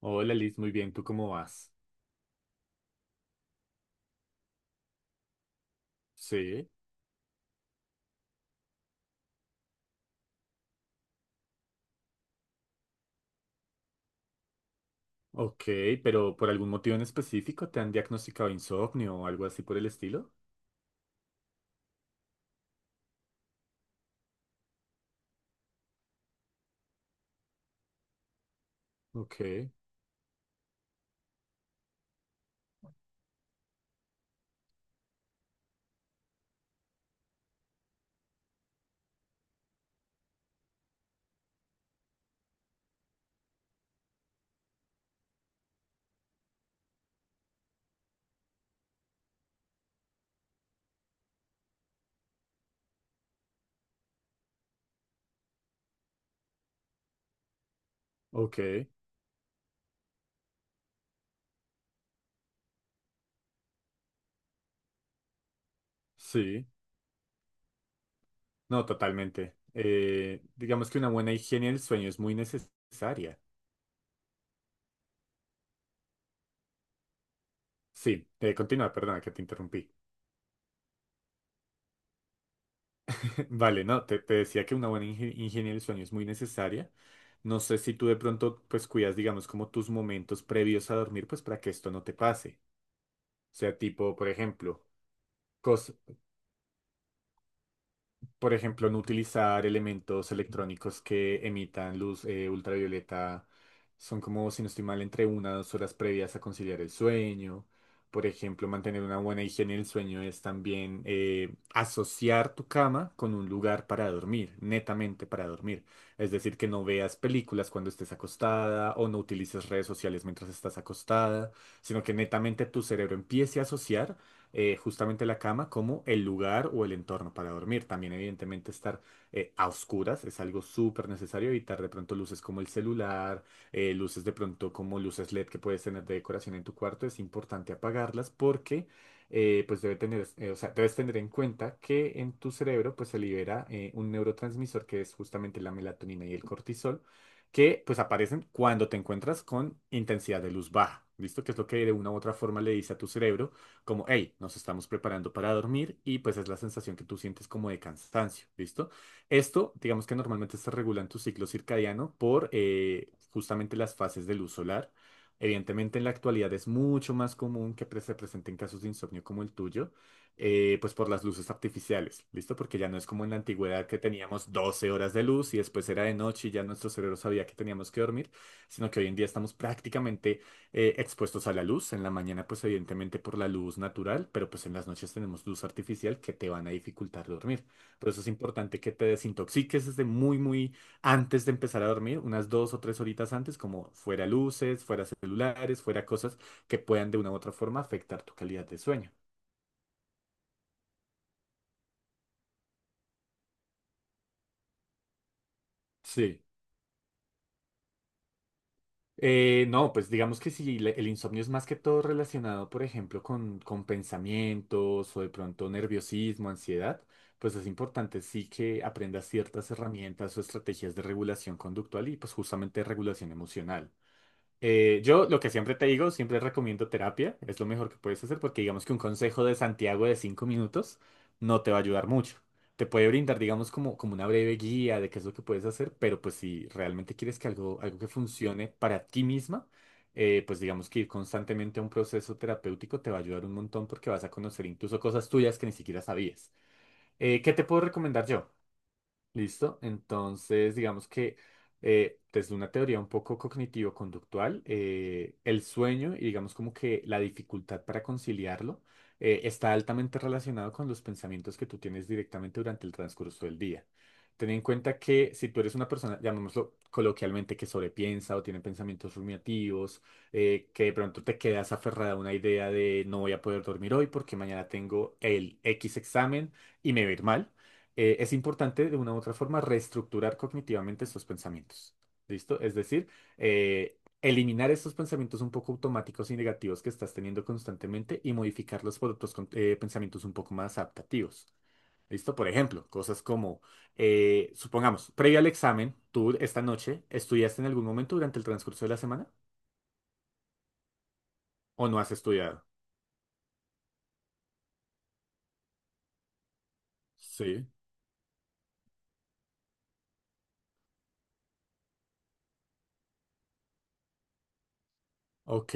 Hola Liz, muy bien, ¿tú cómo vas? Sí, ok, pero ¿por algún motivo en específico te han diagnosticado insomnio o algo así por el estilo? Ok, ok, sí, no, totalmente. Digamos que una buena higiene del sueño es muy necesaria. Sí, continúa, perdona que te interrumpí. Vale, no, te decía que una buena higiene del sueño es muy necesaria. No sé si tú de pronto pues cuidas, digamos, como tus momentos previos a dormir, pues para que esto no te pase. O sea, tipo, por ejemplo, cos- por ejemplo, no utilizar elementos electrónicos que emitan luz ultravioleta. Son como, si no estoy mal, entre 1 o 2 horas previas a conciliar el sueño. Por ejemplo, mantener una buena higiene del sueño es también asociar tu cama con un lugar para dormir, netamente para dormir. Es decir, que no veas películas cuando estés acostada o no utilices redes sociales mientras estás acostada, sino que netamente tu cerebro empiece a asociar justamente la cama como el lugar o el entorno para dormir. También evidentemente estar a oscuras es algo súper necesario, evitar de pronto luces como el celular, luces de pronto como luces LED que puedes tener de decoración en tu cuarto, es importante apagarlas porque pues debes tener en cuenta que en tu cerebro pues se libera un neurotransmisor que es justamente la melatonina y el cortisol que pues aparecen cuando te encuentras con intensidad de luz baja. ¿Listo? Que es lo que de una u otra forma le dice a tu cerebro como, hey, nos estamos preparando para dormir y pues es la sensación que tú sientes como de cansancio, ¿listo? Esto, digamos que normalmente se regula en tu ciclo circadiano por justamente las fases de luz solar. Evidentemente en la actualidad es mucho más común que se presenten casos de insomnio como el tuyo, pues por las luces artificiales, ¿listo? Porque ya no es como en la antigüedad que teníamos 12 horas de luz y después era de noche y ya nuestro cerebro sabía que teníamos que dormir, sino que hoy en día estamos prácticamente expuestos a la luz. En la mañana, pues evidentemente por la luz natural, pero pues en las noches tenemos luz artificial que te van a dificultar dormir. Por eso es importante que te desintoxiques desde muy, muy antes de empezar a dormir, unas 2 o 3 horitas antes, como fuera luces, fuera celulares, fuera cosas que puedan de una u otra forma afectar tu calidad de sueño. Sí. No, pues digamos que si le- el insomnio es más que todo relacionado, por ejemplo, con pensamientos o de pronto nerviosismo, ansiedad, pues es importante sí que aprendas ciertas herramientas o estrategias de regulación conductual y pues justamente de regulación emocional. Yo lo que siempre te digo, siempre recomiendo terapia, es lo mejor que puedes hacer porque digamos que un consejo de Santiago de 5 minutos no te va a ayudar mucho. Te puede brindar, digamos, como una breve guía de qué es lo que puedes hacer, pero pues si realmente quieres que algo que funcione para ti misma, pues digamos que ir constantemente a un proceso terapéutico te va a ayudar un montón porque vas a conocer incluso cosas tuyas que ni siquiera sabías. ¿Qué te puedo recomendar yo? Listo. Entonces, digamos que desde una teoría un poco cognitivo-conductual, el sueño y digamos como que la dificultad para conciliarlo está altamente relacionado con los pensamientos que tú tienes directamente durante el transcurso del día. Ten en cuenta que si tú eres una persona, llamémoslo coloquialmente, que sobrepiensa o tiene pensamientos rumiativos, que de pronto te quedas aferrada a una idea de no voy a poder dormir hoy porque mañana tengo el X examen y me va a ir mal es importante de una u otra forma reestructurar cognitivamente estos pensamientos. ¿Listo? Es decir, eliminar estos pensamientos un poco automáticos y negativos que estás teniendo constantemente y modificarlos por otros pensamientos un poco más adaptativos. ¿Listo? Por ejemplo, cosas como, supongamos, previo al examen, tú esta noche, ¿estudiaste en algún momento durante el transcurso de la semana? ¿O no has estudiado? Sí. Ok,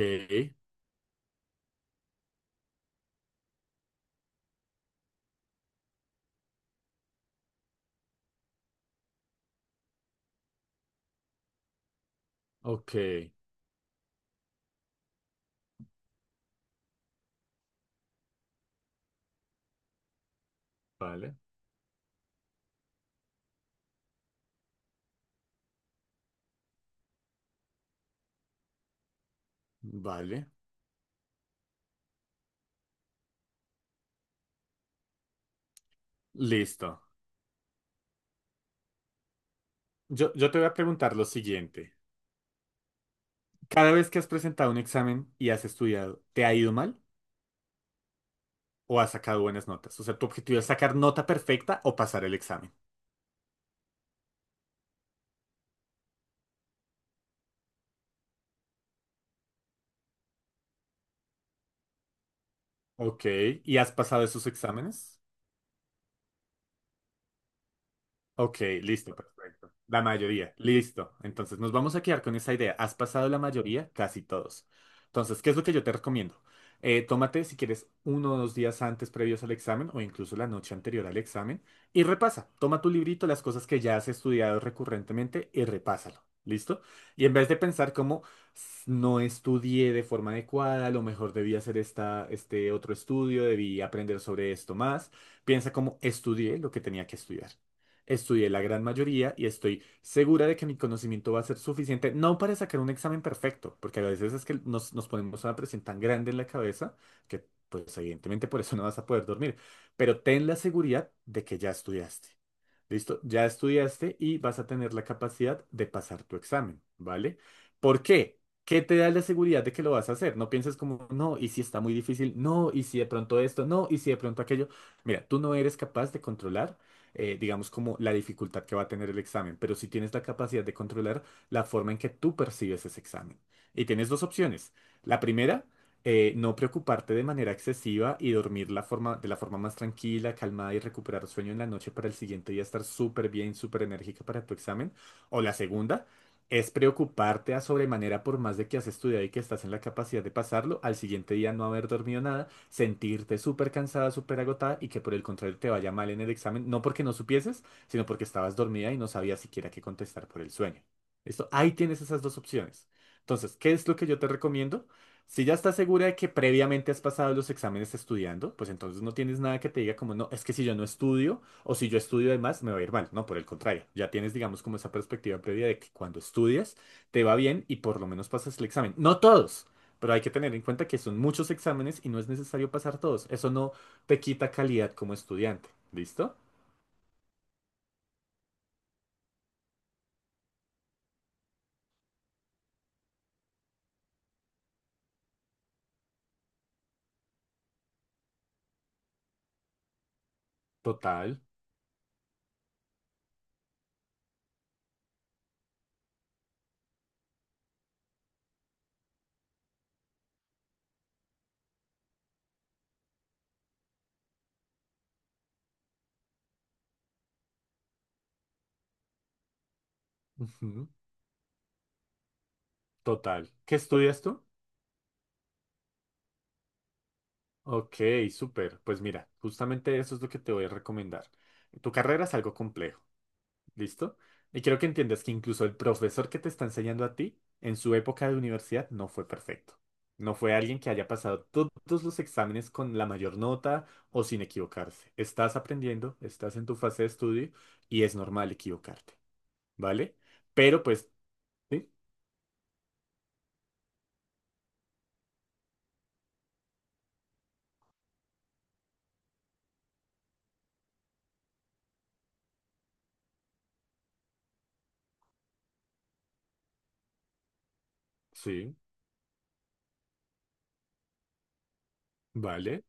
ok. Vale. Vale. Listo. Yo te voy a preguntar lo siguiente. Cada vez que has presentado un examen y has estudiado, ¿te ha ido mal o has sacado buenas notas? O sea, tu objetivo es sacar nota perfecta o pasar el examen. Ok, ¿y has pasado esos exámenes? Ok, listo, perfecto. La mayoría, listo. Entonces nos vamos a quedar con esa idea. Has pasado la mayoría, casi todos. Entonces, ¿qué es lo que yo te recomiendo? Tómate, si quieres, 1 o 2 días antes previos al examen o incluso la noche anterior al examen y repasa. Toma tu librito, las cosas que ya has estudiado recurrentemente y repásalo. ¿Listo? Y en vez de pensar como no estudié de forma adecuada, a lo mejor debí hacer esta, este otro estudio, debí aprender sobre esto más, piensa como estudié lo que tenía que estudiar estudié la gran mayoría y estoy segura de que mi conocimiento va a ser suficiente, no para sacar un examen perfecto, porque a veces es que nos ponemos una presión tan grande en la cabeza que pues evidentemente por eso no vas a poder dormir, pero ten la seguridad de que ya estudiaste. Listo, ya estudiaste y vas a tener la capacidad de pasar tu examen, ¿vale? ¿Por qué? ¿Qué te da la seguridad de que lo vas a hacer? No pienses como, no, y si está muy difícil, no, y si de pronto esto, no, y si de pronto aquello. Mira, tú no eres capaz de controlar, digamos, como la dificultad que va a tener el examen, pero sí tienes la capacidad de controlar la forma en que tú percibes ese examen. Y tienes dos opciones. La primera no preocuparte de manera excesiva y dormir de la forma más tranquila, calmada y recuperar sueño en la noche para el siguiente día estar súper bien, súper enérgica para tu examen. O la segunda es preocuparte a sobremanera por más de que has estudiado y que estás en la capacidad de pasarlo, al siguiente día no haber dormido nada, sentirte súper cansada, súper agotada y que por el contrario te vaya mal en el examen, no porque no supieses, sino porque estabas dormida y no sabías siquiera qué contestar por el sueño. Esto, ahí tienes esas dos opciones. Entonces, ¿qué es lo que yo te recomiendo? Si ya estás segura de que previamente has pasado los exámenes estudiando, pues entonces no tienes nada que te diga como, no, es que si yo no estudio o si yo estudio de más, me va a ir mal. No, por el contrario, ya tienes, digamos, como esa perspectiva previa de que cuando estudias te va bien y por lo menos pasas el examen. No todos, pero hay que tener en cuenta que son muchos exámenes y no es necesario pasar todos. Eso no te quita calidad como estudiante. ¿Listo? Total. Ujú, total. ¿Qué estudias tú? Ok, súper. Pues mira, justamente eso es lo que te voy a recomendar. Tu carrera es algo complejo, ¿listo? Y quiero que entiendas que incluso el profesor que te está enseñando a ti, en su época de universidad, no fue perfecto. No fue alguien que haya pasado todos los exámenes con la mayor nota o sin equivocarse. Estás aprendiendo, estás en tu fase de estudio y es normal equivocarte, ¿vale? Pero pues, sí, sí, vale,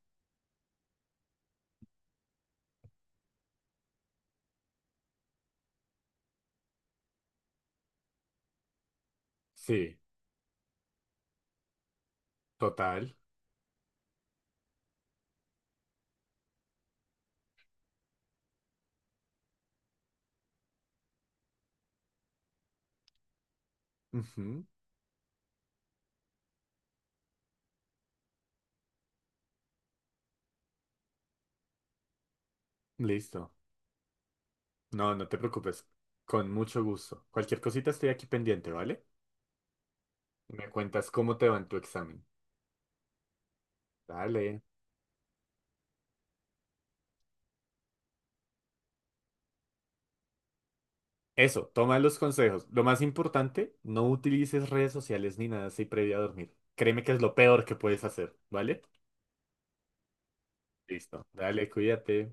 sí, total. Ujú, listo. No, no te preocupes. Con mucho gusto. Cualquier cosita estoy aquí pendiente, ¿vale? Me cuentas cómo te va en tu examen. Dale. Eso, toma los consejos. Lo más importante, no utilices redes sociales ni nada así previo a dormir. Créeme que es lo peor que puedes hacer, ¿vale? Listo. Dale, cuídate.